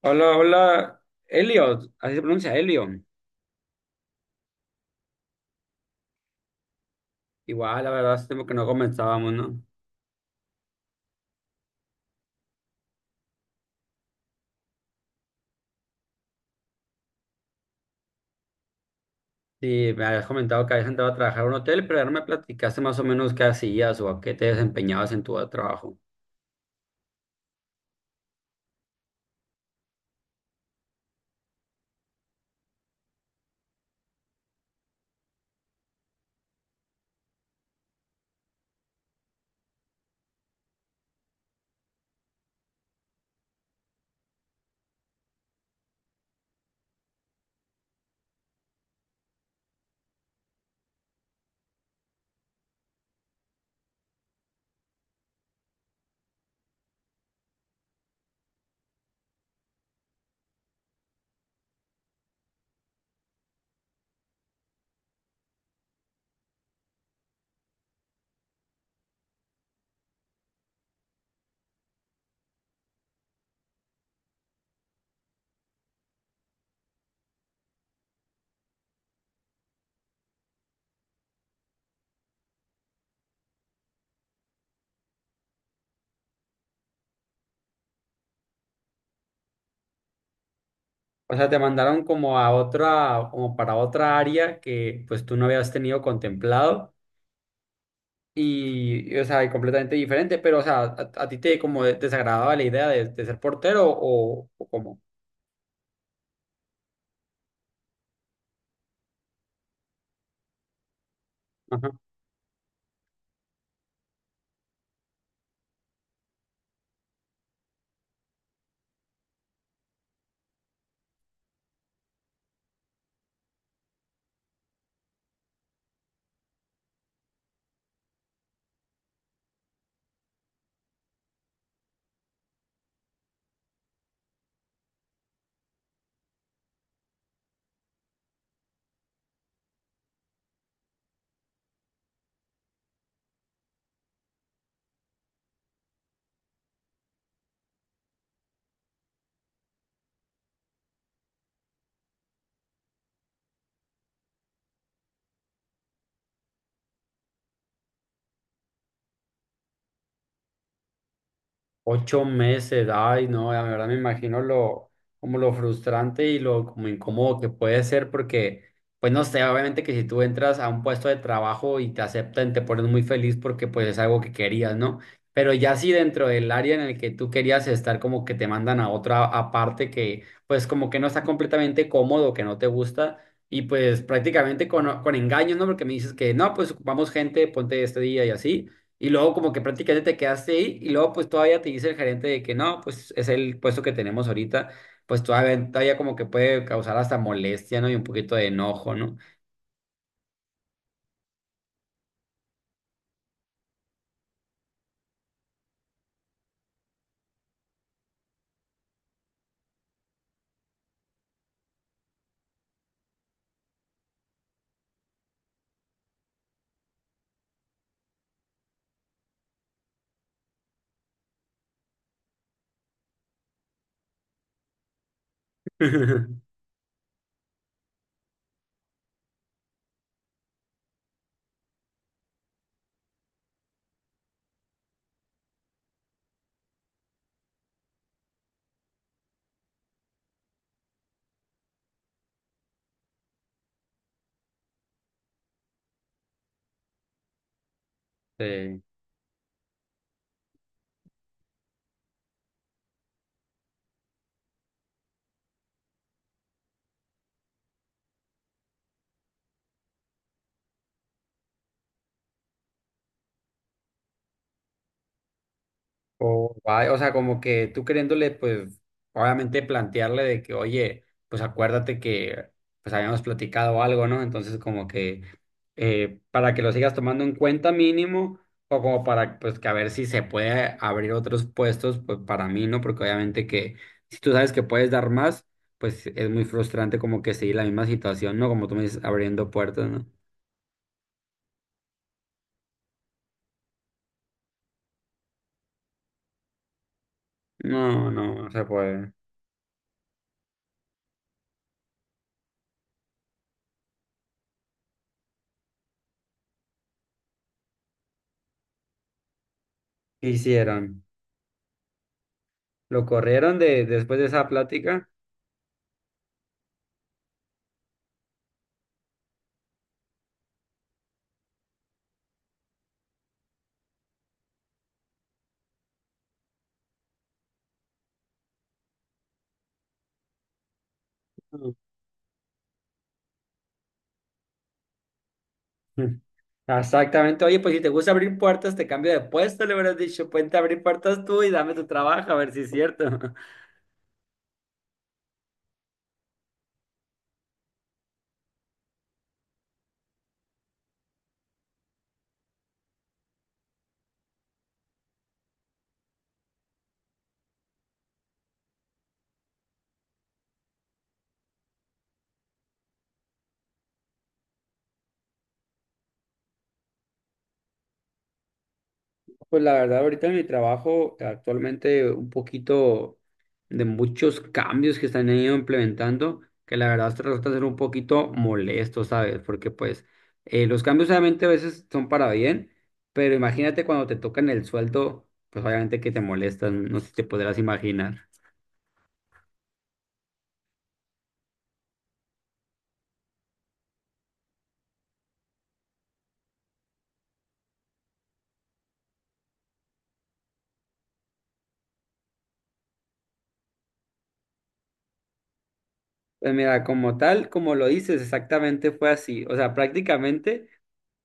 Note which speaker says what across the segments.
Speaker 1: Hola, hola, Elliot, así se pronuncia Elion. Igual, la verdad, hace tiempo que no comentábamos, ¿no? Sí, me habías comentado que habías entrado a trabajar a un hotel, pero ya no me platicaste más o menos qué hacías o a qué te desempeñabas en tu trabajo. O sea, te mandaron como a otra, como para otra área que pues tú no habías tenido contemplado o sea, y completamente diferente, pero, o sea, a ti te como desagradaba la idea de ser portero o cómo. Ajá. Ocho meses, ay, no, la verdad me imagino lo, como lo frustrante y lo como incómodo que puede ser porque, pues no sé, obviamente que si tú entras a un puesto de trabajo y te aceptan, te pones muy feliz porque pues es algo que querías, ¿no? Pero ya si dentro del área en el que tú querías estar, como que te mandan a otra aparte que, pues como que no está completamente cómodo, que no te gusta y pues prácticamente con engaños, ¿no? Porque me dices que no, pues ocupamos gente, ponte este día y así. Y luego como que prácticamente te quedaste ahí y luego pues todavía te dice el gerente de que no, pues es el puesto que tenemos ahorita, pues todavía como que puede causar hasta molestia, ¿no? Y un poquito de enojo, ¿no? Sí. O guay. O sea, como que tú queriéndole, pues, obviamente plantearle de que, oye, pues acuérdate que, pues habíamos platicado algo, ¿no? Entonces, como que, para que lo sigas tomando en cuenta mínimo, o como para, pues, que a ver si se puede abrir otros puestos, pues, para mí, ¿no? Porque obviamente que, si tú sabes que puedes dar más, pues, es muy frustrante como que seguir la misma situación, ¿no? Como tú me dices, abriendo puertas, ¿no? No, no, no se puede. ¿Qué hicieron? ¿Lo corrieron de, después de esa plática? Mm. Exactamente. Oye, pues si te gusta abrir puertas, te cambio de puesto, le hubieras dicho, ponte a abrir puertas tú y dame tu trabajo, a ver si es cierto. Pues la verdad, ahorita en mi trabajo, actualmente un poquito de muchos cambios que están ido implementando, que la verdad se resulta ser un poquito molesto, ¿sabes? Porque pues los cambios obviamente a veces son para bien, pero imagínate cuando te tocan el sueldo, pues obviamente que te molestan, no sé si te podrás imaginar. Pues mira, como tal, como lo dices, exactamente fue así. O sea, prácticamente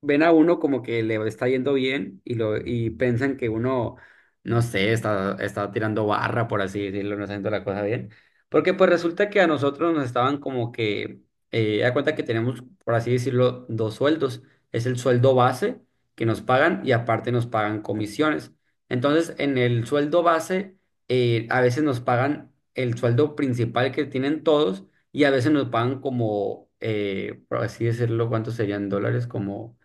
Speaker 1: ven a uno como que le está yendo bien y lo y piensan que uno, no sé, está tirando barra, por así decirlo, no está haciendo la cosa bien. Porque pues resulta que a nosotros nos estaban como que, da cuenta que tenemos, por así decirlo, dos sueldos. Es el sueldo base que nos pagan y aparte nos pagan comisiones. Entonces, en el sueldo base, a veces nos pagan el sueldo principal que tienen todos y a veces nos pagan como, por así decirlo, ¿cuántos serían dólares? Como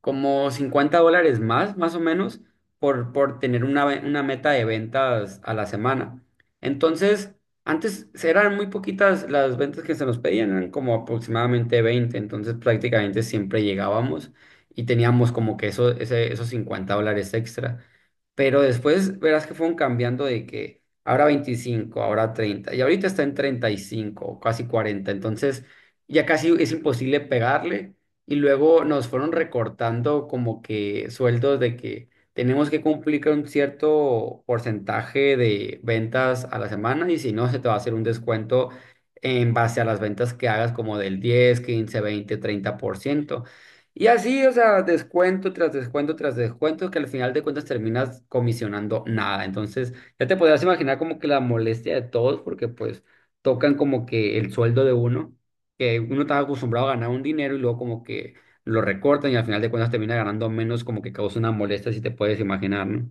Speaker 1: como $50 más, más o menos, por tener una, una meta de ventas a la semana. Entonces, antes eran muy poquitas las ventas que se nos pedían, eran como aproximadamente 20, entonces prácticamente siempre llegábamos y teníamos como que esos $50 extra. Pero después verás que fueron cambiando de que ahora 25, ahora 30 y ahorita está en 35, o casi 40. Entonces ya casi es imposible pegarle. Y luego nos fueron recortando como que sueldos de que tenemos que cumplir con un cierto porcentaje de ventas a la semana y si no, se te va a hacer un descuento en base a las ventas que hagas como del 10, 15, 20, 30%. Y así, o sea, descuento tras descuento tras descuento, que al final de cuentas terminas comisionando nada. Entonces, ya te podrás imaginar como que la molestia de todos, porque pues tocan como que el sueldo de uno, que uno está acostumbrado a ganar un dinero y luego como que lo recortan y al final de cuentas termina ganando menos, como que causa una molestia, si te puedes imaginar, ¿no?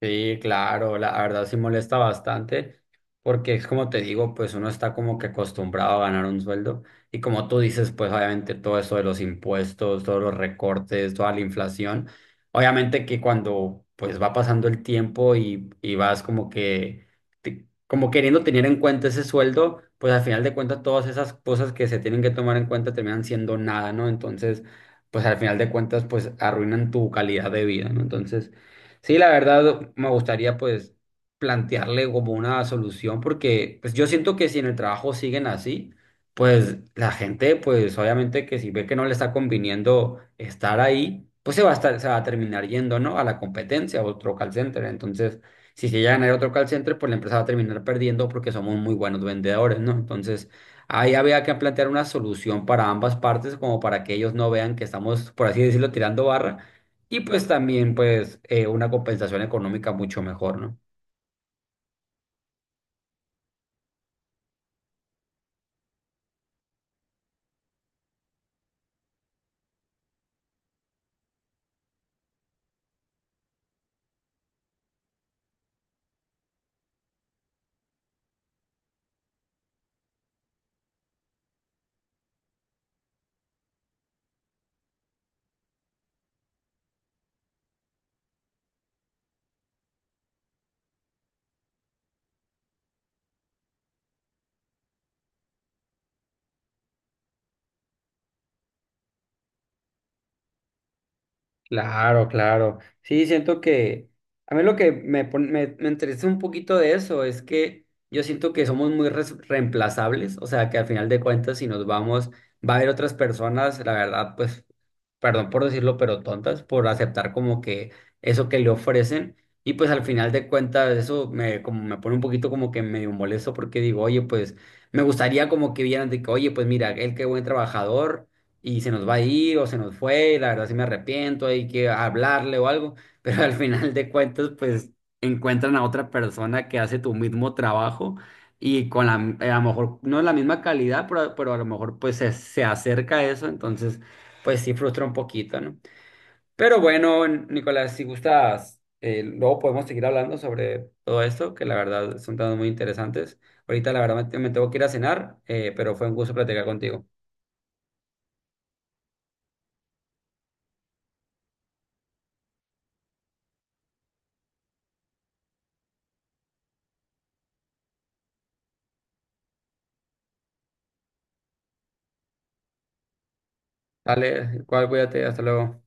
Speaker 1: Sí, claro, la verdad sí molesta bastante, porque es como te digo, pues uno está como que acostumbrado a ganar un sueldo y como tú dices, pues obviamente todo eso de los impuestos, todos los recortes, toda la inflación, obviamente que cuando pues va pasando el tiempo y vas como que, como queriendo tener en cuenta ese sueldo, pues al final de cuentas todas esas cosas que se tienen que tomar en cuenta terminan siendo nada, ¿no? Entonces, pues al final de cuentas, pues arruinan tu calidad de vida, ¿no? Entonces… Sí, la verdad me gustaría pues plantearle como una solución porque pues yo siento que si en el trabajo siguen así, pues la gente pues obviamente que si ve que no le está conviniendo estar ahí, pues se va a estar, se va a terminar yendo, ¿no? A la competencia, a otro call center. Entonces, si se llegan a ir a otro call center, pues la empresa va a terminar perdiendo porque somos muy buenos vendedores, ¿no? Entonces, ahí había que plantear una solución para ambas partes como para que ellos no vean que estamos, por así decirlo, tirando barra y pues también pues una compensación económica mucho mejor, ¿no? Claro, claro. Sí, siento que a mí lo que me interesa un poquito de eso es que yo siento que somos muy reemplazables, o sea, que al final de cuentas si nos vamos, va a haber otras personas, la verdad, pues, perdón por decirlo, pero tontas por aceptar como que eso que le ofrecen y pues al final de cuentas eso me, como me pone un poquito como que medio molesto porque digo, oye, pues me gustaría como que vieran de que, oye, pues mira, él qué buen trabajador y se nos va a ir o se nos fue, y la verdad sí me arrepiento, hay que hablarle o algo, pero al final de cuentas pues encuentran a otra persona que hace tu mismo trabajo y con la, a lo mejor no es la misma calidad, pero a lo mejor pues se acerca a eso, entonces pues sí frustra un poquito, ¿no? Pero bueno, Nicolás, si gustas, luego podemos seguir hablando sobre todo esto, que la verdad son temas muy interesantes. Ahorita la verdad me tengo que ir a cenar, pero fue un gusto platicar contigo. Dale, igual cuídate, hasta luego.